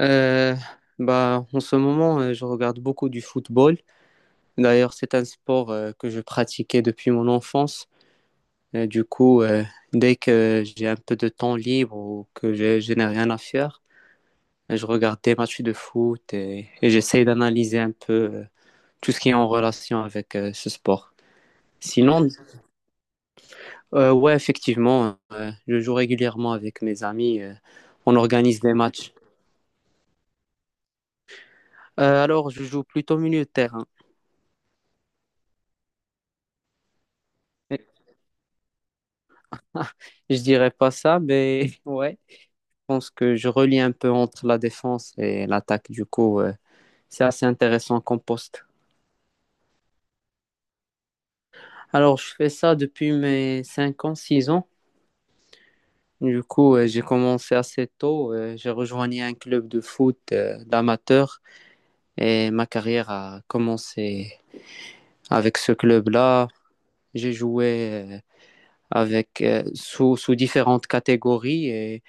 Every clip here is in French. Euh, En ce moment, je regarde beaucoup du football. D'ailleurs, c'est un sport que je pratiquais depuis mon enfance. Et du coup, dès que j'ai un peu de temps libre ou que je n'ai rien à faire, je regarde des matchs de foot et j'essaye d'analyser un peu tout ce qui est en relation avec ce sport. Sinon, ouais, effectivement, je joue régulièrement avec mes amis. On organise des matchs. Je joue plutôt milieu de terrain. Je dirais pas ça, mais ouais. Je pense que je relie un peu entre la défense et l'attaque. Du coup, c'est assez intéressant comme poste. Alors, je fais ça depuis mes 5 ans, 6 ans. Du coup, j'ai commencé assez tôt. J'ai rejoint un club de foot d'amateurs et ma carrière a commencé avec ce club-là. J'ai joué avec, sous différentes catégories et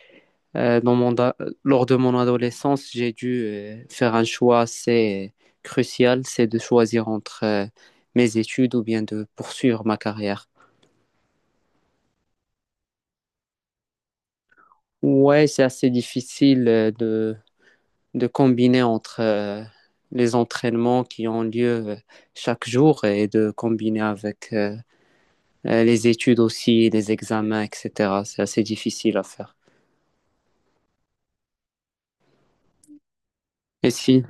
Euh, dans mon da- lors de mon adolescence, j'ai dû faire un choix assez crucial, c'est de choisir entre mes études ou bien de poursuivre ma carrière. Ouais, c'est assez difficile de combiner entre les entraînements qui ont lieu chaque jour et de combiner avec les études aussi, les examens, etc. C'est assez difficile à faire. Et si?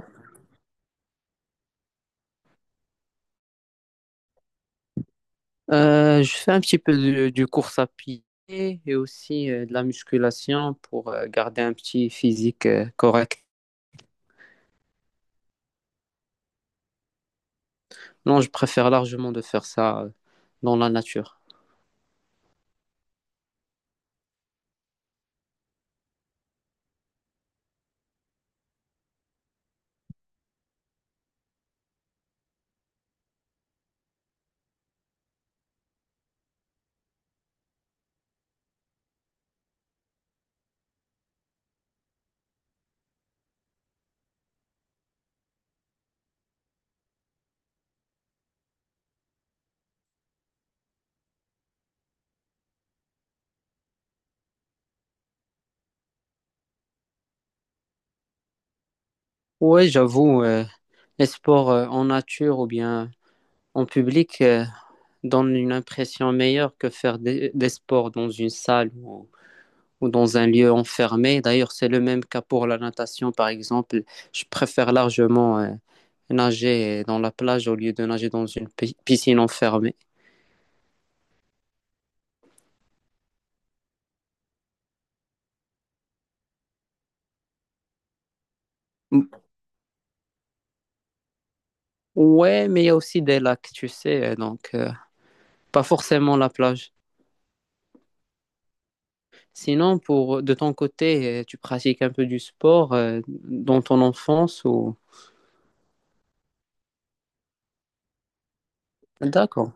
Je fais un petit peu du course à pied et aussi de la musculation pour garder un petit physique correct. Non, je préfère largement de faire ça dans la nature. Ouais, j'avoue, les sports en nature ou bien en public donnent une impression meilleure que faire des sports dans une salle ou dans un lieu enfermé. D'ailleurs, c'est le même cas pour la natation, par exemple. Je préfère largement nager dans la plage au lieu de nager dans une piscine enfermée. M- Ouais, mais il y a aussi des lacs, tu sais, pas forcément la plage. Sinon, pour de ton côté, tu pratiques un peu du sport dans ton enfance ou... D'accord.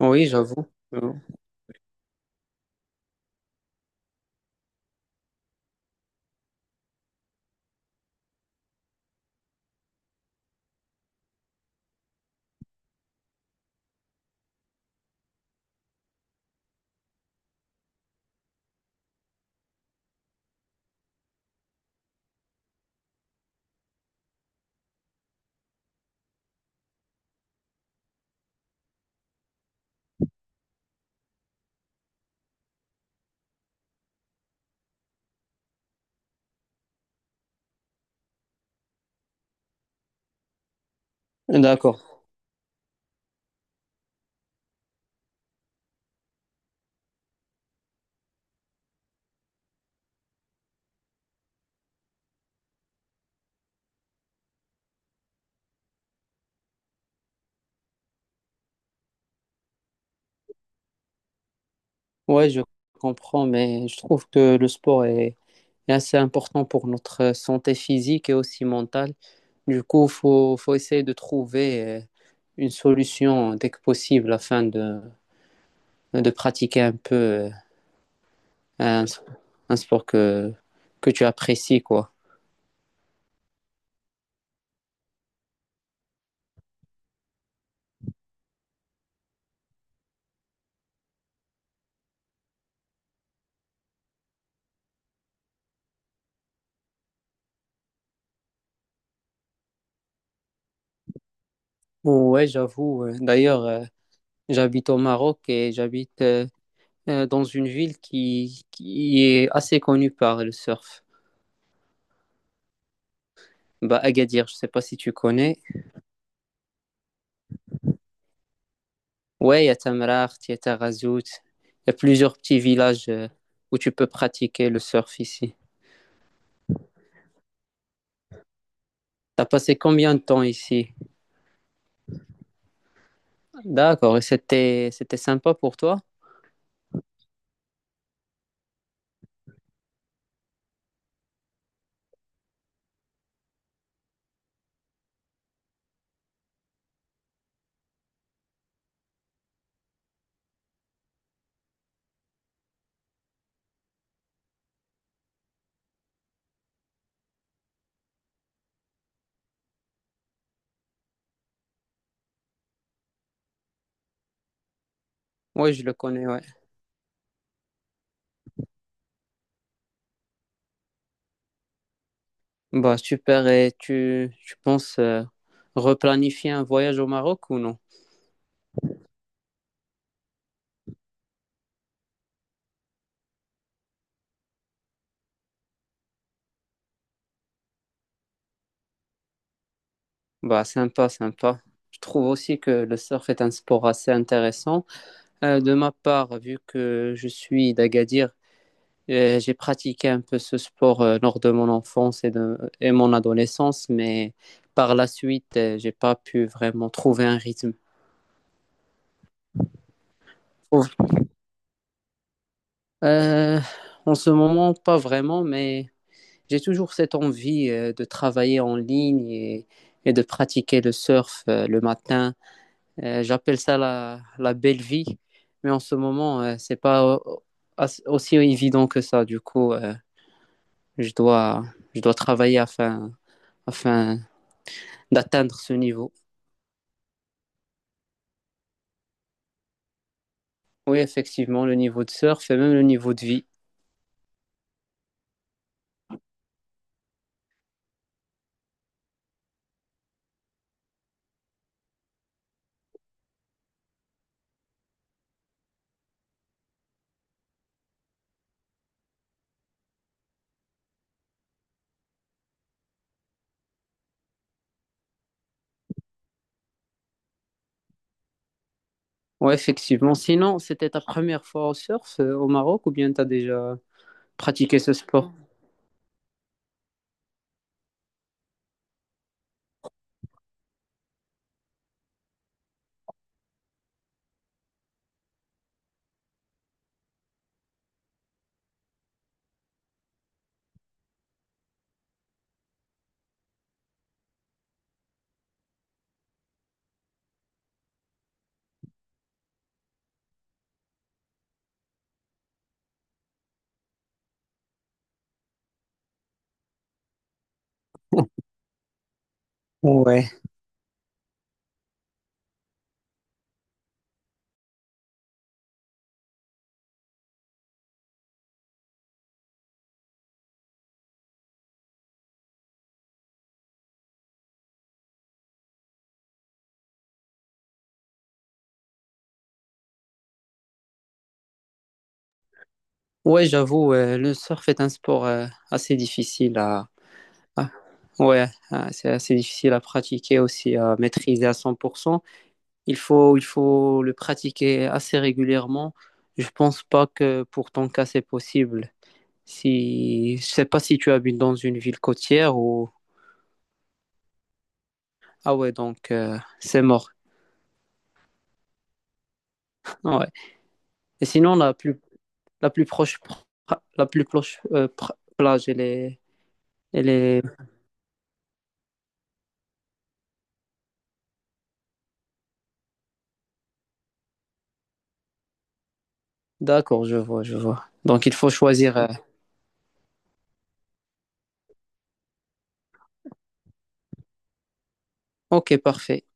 Oui, j'avoue. Euh, D'accord. Ouais, je comprends, mais je trouve que le sport est et assez important pour notre santé physique et aussi mentale. Du coup, faut essayer de trouver une solution dès que possible afin de pratiquer un peu un, un sport que tu apprécies, quoi. Ouais, j'avoue. Ouais. D'ailleurs, j'habite au Maroc et j'habite dans une ville qui est assez connue par le surf. Bah, Agadir, je ne sais pas si tu connais. Ouais, il y a Tamraght, il y a Tarazout, il y a plusieurs petits villages où tu peux pratiquer le surf ici. T'as passé combien de temps ici? D'accord, et c'était sympa pour toi? Oui, je le connais, ouais. Bah super, et tu penses replanifier un voyage au Maroc ou non? Bah sympa, sympa. Je trouve aussi que le surf est un sport assez intéressant. De ma part, vu que je suis d'Agadir, j'ai pratiqué un peu ce sport lors de mon enfance et de et mon adolescence, mais par la suite, j'ai pas pu vraiment trouver un rythme. Trouve- Euh, En ce moment, pas vraiment, mais j'ai toujours cette envie de travailler en ligne et de pratiquer le surf le matin. J'appelle ça la belle vie, mais en ce moment, c'est pas au- as- aussi évident que ça. Du coup, je dois, je dois travailler afin d'atteindre ce niveau. Oui, effectivement, le niveau de surf et même le niveau de vie. Oui, effectivement. Sinon, c'était ta première fois au surf au Maroc ou bien tu as déjà pratiqué ce sport? Ouais. Ouais, j'avoue, le surf est un sport assez difficile à... à- Ouais, c'est assez difficile à pratiquer aussi, à maîtriser à 100%. Il faut le pratiquer assez régulièrement. Je pense pas que pour ton cas, c'est possible. Si, je sais pas si tu habites dans une ville côtière ou ah ouais, donc c'est mort. Ah ouais. Et sinon, la plus proche, la plus proche plage, elle est... D'accord, je vois, je vois. Donc il faut choisir. Ok, parfait.